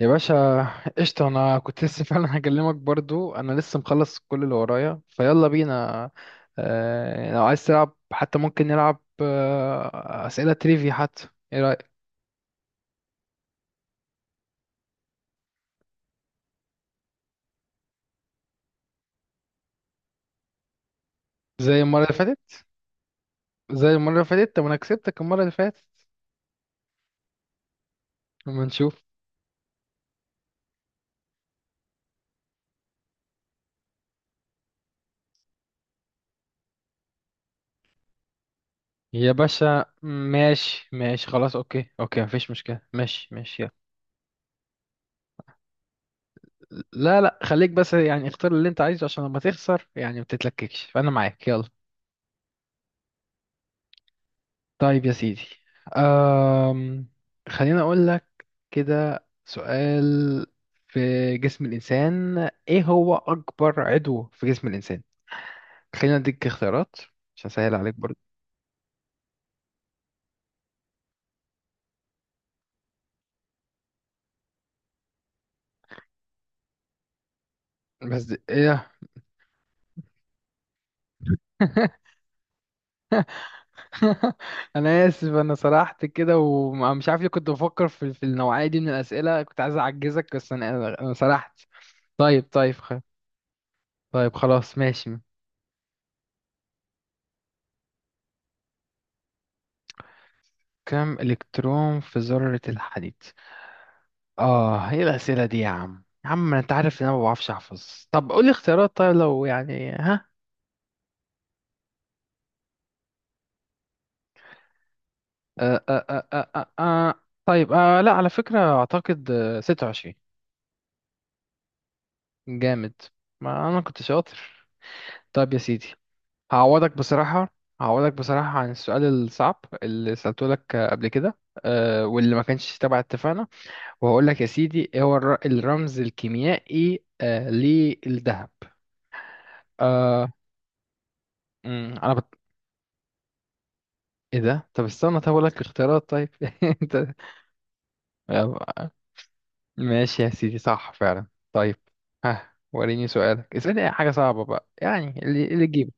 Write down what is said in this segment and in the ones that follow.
يا باشا، قشطة. أنا كنت لسه فعلا هكلمك برضو. أنا لسه مخلص كل اللي ورايا فيلا بينا. لو عايز تلعب حتى ممكن نلعب أسئلة تريفي حتى، إيه رأيك؟ زي المرة اللي فاتت زي المرة اللي فاتت. طب أنا كسبتك المرة اللي فاتت. أما نشوف. يا باشا، ماشي ماشي، خلاص، أوكي أوكي، مفيش مشكلة، ماشي ماشي، يلا. لا، لا، خليك بس يعني اختار اللي أنت عايزه عشان لما تخسر يعني ما تتلككش، فأنا معاك، يلا. طيب يا سيدي. أم... خليني أقول لك كده سؤال. في جسم الإنسان، إيه هو أكبر عضو في جسم الإنسان؟ خلينا أديك اختيارات عشان أسهل عليك برضه. بس دي إيه؟ أنا آسف، أنا سرحت كده ومش عارف ليه، كنت بفكر في النوعية دي من الأسئلة، كنت عايز أعجزك بس أنا سرحت. طيب طيب، طيب خلاص ماشي. كم إلكترون في ذرة الحديد؟ اه، ايه الاسئله دي يا عم يا عم؟ انت عارف ان انا ما بعرفش احفظ. طب قول لي اختيارات، طيب لو يعني، ها. آه آه آه آه آه آه. طيب، لا على فكره اعتقد، 26. جامد. ما انا كنت شاطر. طيب يا سيدي. هعوضك بصراحه هعوضك بصراحه عن السؤال الصعب اللي سالته لك قبل كده، واللي ما كانش تبع اتفاقنا. وهقول لك يا سيدي، ايه هو الرمز الكيميائي للذهب آه انا. ايه ده؟ طب استنى، طب اقول لك اختيارات طيب. انت. ماشي يا سيدي، صح فعلا. طيب، ها وريني سؤالك، اسألني اي حاجة صعبة بقى، يعني اللي تجيبه.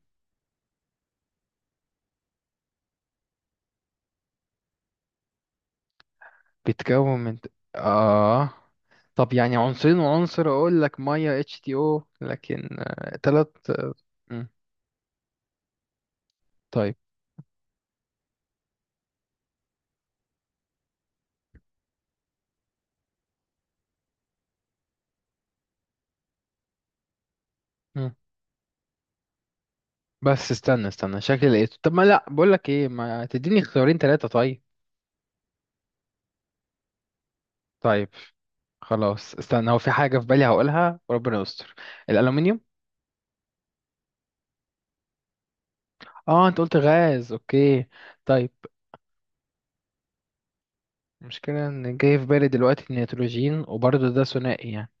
بتكون من، اه طب يعني عنصرين وعنصر، اقول لك ميه اتش تي او، لكن تلات. مم. طيب. مم. بس استنى استنى، شكلي لقيته. طب ما، لا بقول لك ايه، ما تديني اختيارين تلاتة طيب. طيب خلاص. استنى، هو في حاجة في بالي هقولها، وربنا يستر. الألومنيوم. اه، انت قلت غاز، اوكي. طيب. المشكلة ان جاي في بالي دلوقتي النيتروجين، وبرضه ده ثنائي يعني.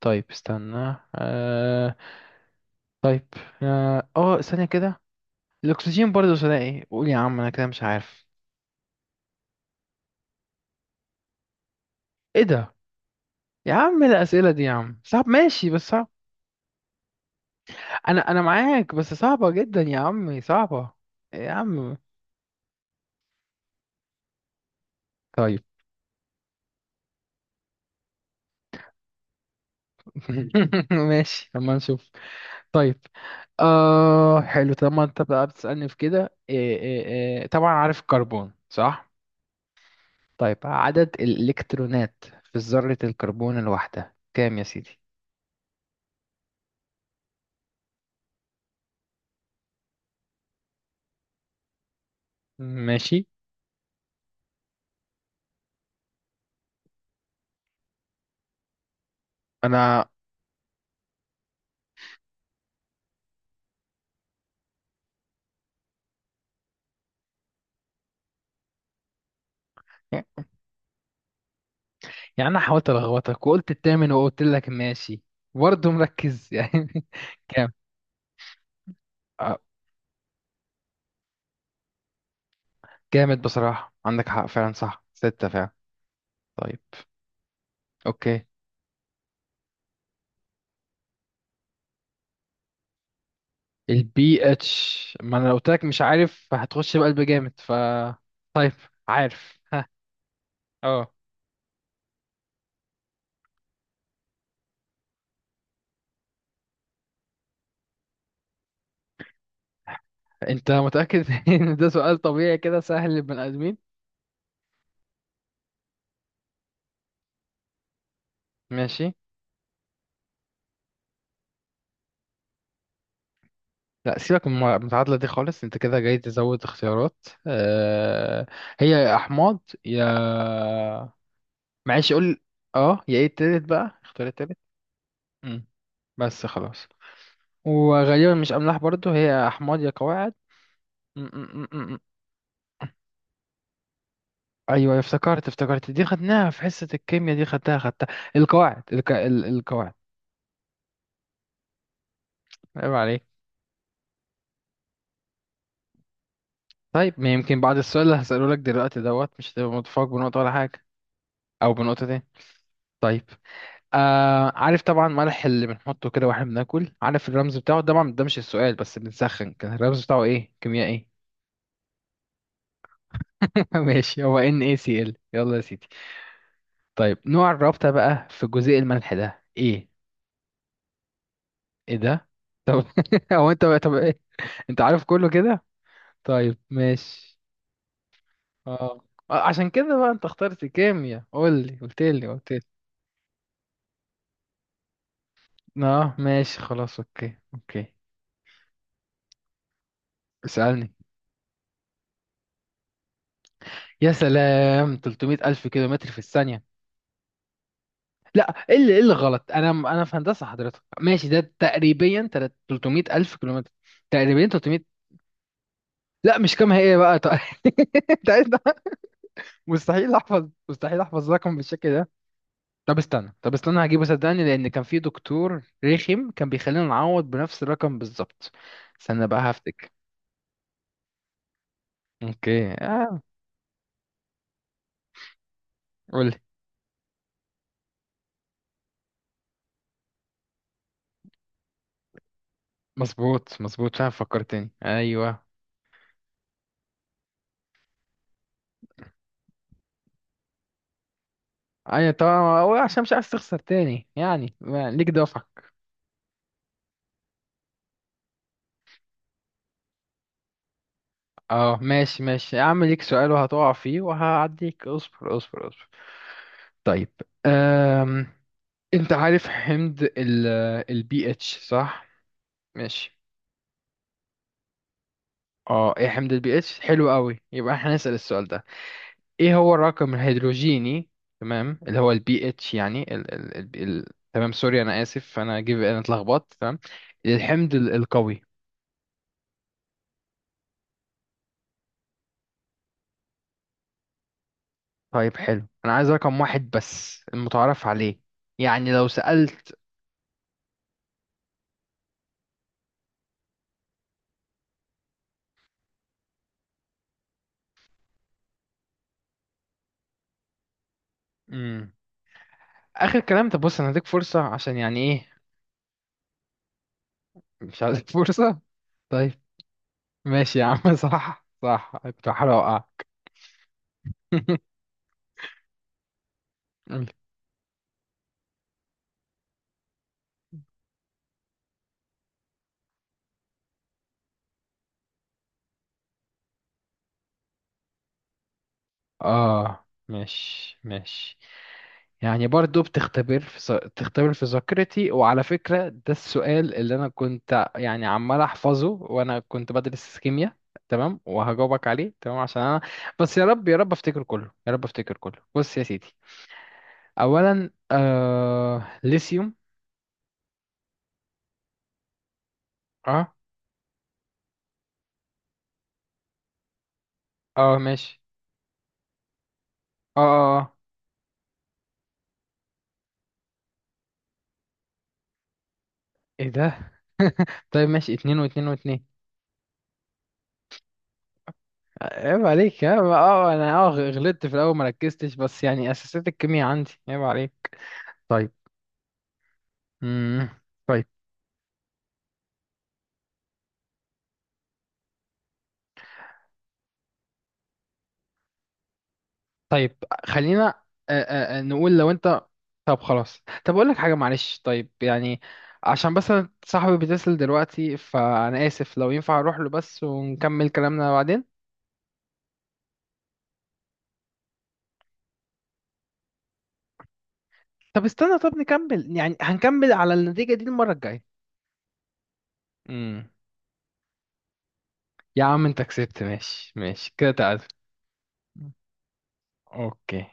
طيب استنى طيب. ثانية كده. الاكسجين برضه ثنائي، قول يا عم انا كده مش عارف. ايه ده؟ يا عم إيه الاسئلة دي يا عم؟ صعب، ماشي بس صعب. انا معاك بس صعبة جدا يا عمي، صعبة يا عم. طيب. ماشي، اما نشوف. طيب. حلو، طالما انت بقى بتسألني في كده، إيه إيه؟ إيه. طبعا عارف الكربون، صح؟ طيب، عدد الإلكترونات في ذرة الكربون الواحدة كام يا سيدي؟ ماشي. أنا يعني أنا حاولت ألخبطك وقلت التامن وقلت لك ماشي. برضه مركز يعني كام؟ آه جامد بصراحة، عندك حق فعلا، صح ستة فعلا. طيب. أوكي. البي اتش، ما أنا لو قلت لك مش عارف هتخش بقلب جامد، طيب، عارف اه. انت متأكد ان ده سؤال طبيعي كده سهل للبني ادمين؟ ماشي. لا، سيبك من المتعادلة دي خالص، انت كده جاي تزود اختيارات، هي يا احماض، يا، معلش قول، اه يا، ايه التالت بقى، اختار التالت. مم. بس خلاص. وغالبا مش املاح برضو، هي احماض يا قواعد م- م- م- م. ايوه، افتكرت، دي خدناها في حصة الكيمياء. دي خدتها. القواعد. عيب. طيب، ما يمكن بعد السؤال اللي هسأله لك دلوقتي دوت، مش هتبقى متفوق بنقطة ولا حاجة، أو بنقطتين. طيب. عارف طبعا ملح اللي بنحطه كده واحنا بناكل، عارف الرمز بتاعه طبعا، ده مش السؤال بس بنسخن، كان الرمز بتاعه ايه كيميائي؟ ماشي، هو NaCl، يلا يا سيدي. طيب، نوع الرابطة بقى في جزيء الملح ده ايه؟ ايه ده؟ طب هو انت بقى، طب ايه، انت عارف كله كده. طيب ماشي. اه عشان كده بقى انت اخترت كيمياء. قول لي، قلت لي، قلت. اه، ماشي، خلاص، اوكي اوكي، اسألني. يا سلام، 300 ألف كيلومتر في الثانية. لا، ايه اللي غلط، انا في هندسة حضرتك، ماشي، ده تقريبا 300 ألف كيلومتر، تقريبا 300. لا، مش كام هي، إيه بقى طيب. انت عايز ده؟ مستحيل احفظ، مستحيل احفظ رقم بالشكل ده. طب استنى، طب استنى، هجيبه صدقني، لان كان في دكتور رخم كان بيخلينا نعوض بنفس الرقم بالظبط. استنى بقى هفتك. اوكي اه، قول لي. مظبوط مظبوط، فعلا فكرتني، ايوه. ايوه طبعا، هو عشان مش عايز تخسر تاني يعني ليك دافعك. اه، ماشي ماشي يا عم، ليك سؤال وهتقع فيه وهعديك، اصبر اصبر اصبر. طيب. أم... انت عارف حمض البي اتش صح؟ ماشي. اه، ايه حمض البي اتش؟ حلو قوي، يبقى احنا هنسأل السؤال ده. ايه هو الرقم الهيدروجيني، تمام اللي هو البي اتش يعني. تمام، سوري، انا اسف، انا جيب، انا اتلخبطت، تمام. الحمض القوي. طيب حلو، انا عايز رقم واحد بس المتعارف عليه، يعني لو سألت. مم. اخر كلام، طب بص، انا هديك فرصة عشان يعني ايه. مش عايزك فرصة. طيب. ماشي يا عم، صح، صح، كنت بحاول اوقع. اه، ماشي ماشي. يعني برضو بتختبر في ذاكرتي، وعلى فكرة ده السؤال اللي انا كنت يعني عمال احفظه وانا كنت بدرس كيمياء. تمام وهجاوبك عليه، تمام عشان انا. بس يا رب يا رب افتكر كله، يا رب افتكر كله، بص يا سيدي. اولا، ليثيوم. اه، اه ماشي، اه، اه، اه، ايه ده؟ طيب ماشي، اتنين واتنين واتنين. عيب عليك، ها. اه انا غلطت في الاول، ما ركزتش، بس يعني اساسات الكيمياء عندي، عيب عليك. طيب. امم طيب طيب خلينا نقول لو انت. طب خلاص، طب اقول لك حاجه، معلش، طيب يعني. عشان بس أنا صاحبي بيتصل دلوقتي، فانا اسف، لو ينفع اروح له بس ونكمل كلامنا بعدين. طب استنى، طب نكمل، يعني هنكمل على النتيجة دي المرة الجاية. امم. يا عم انت كسبت، ماشي ماشي، كده تعادل. اوكي.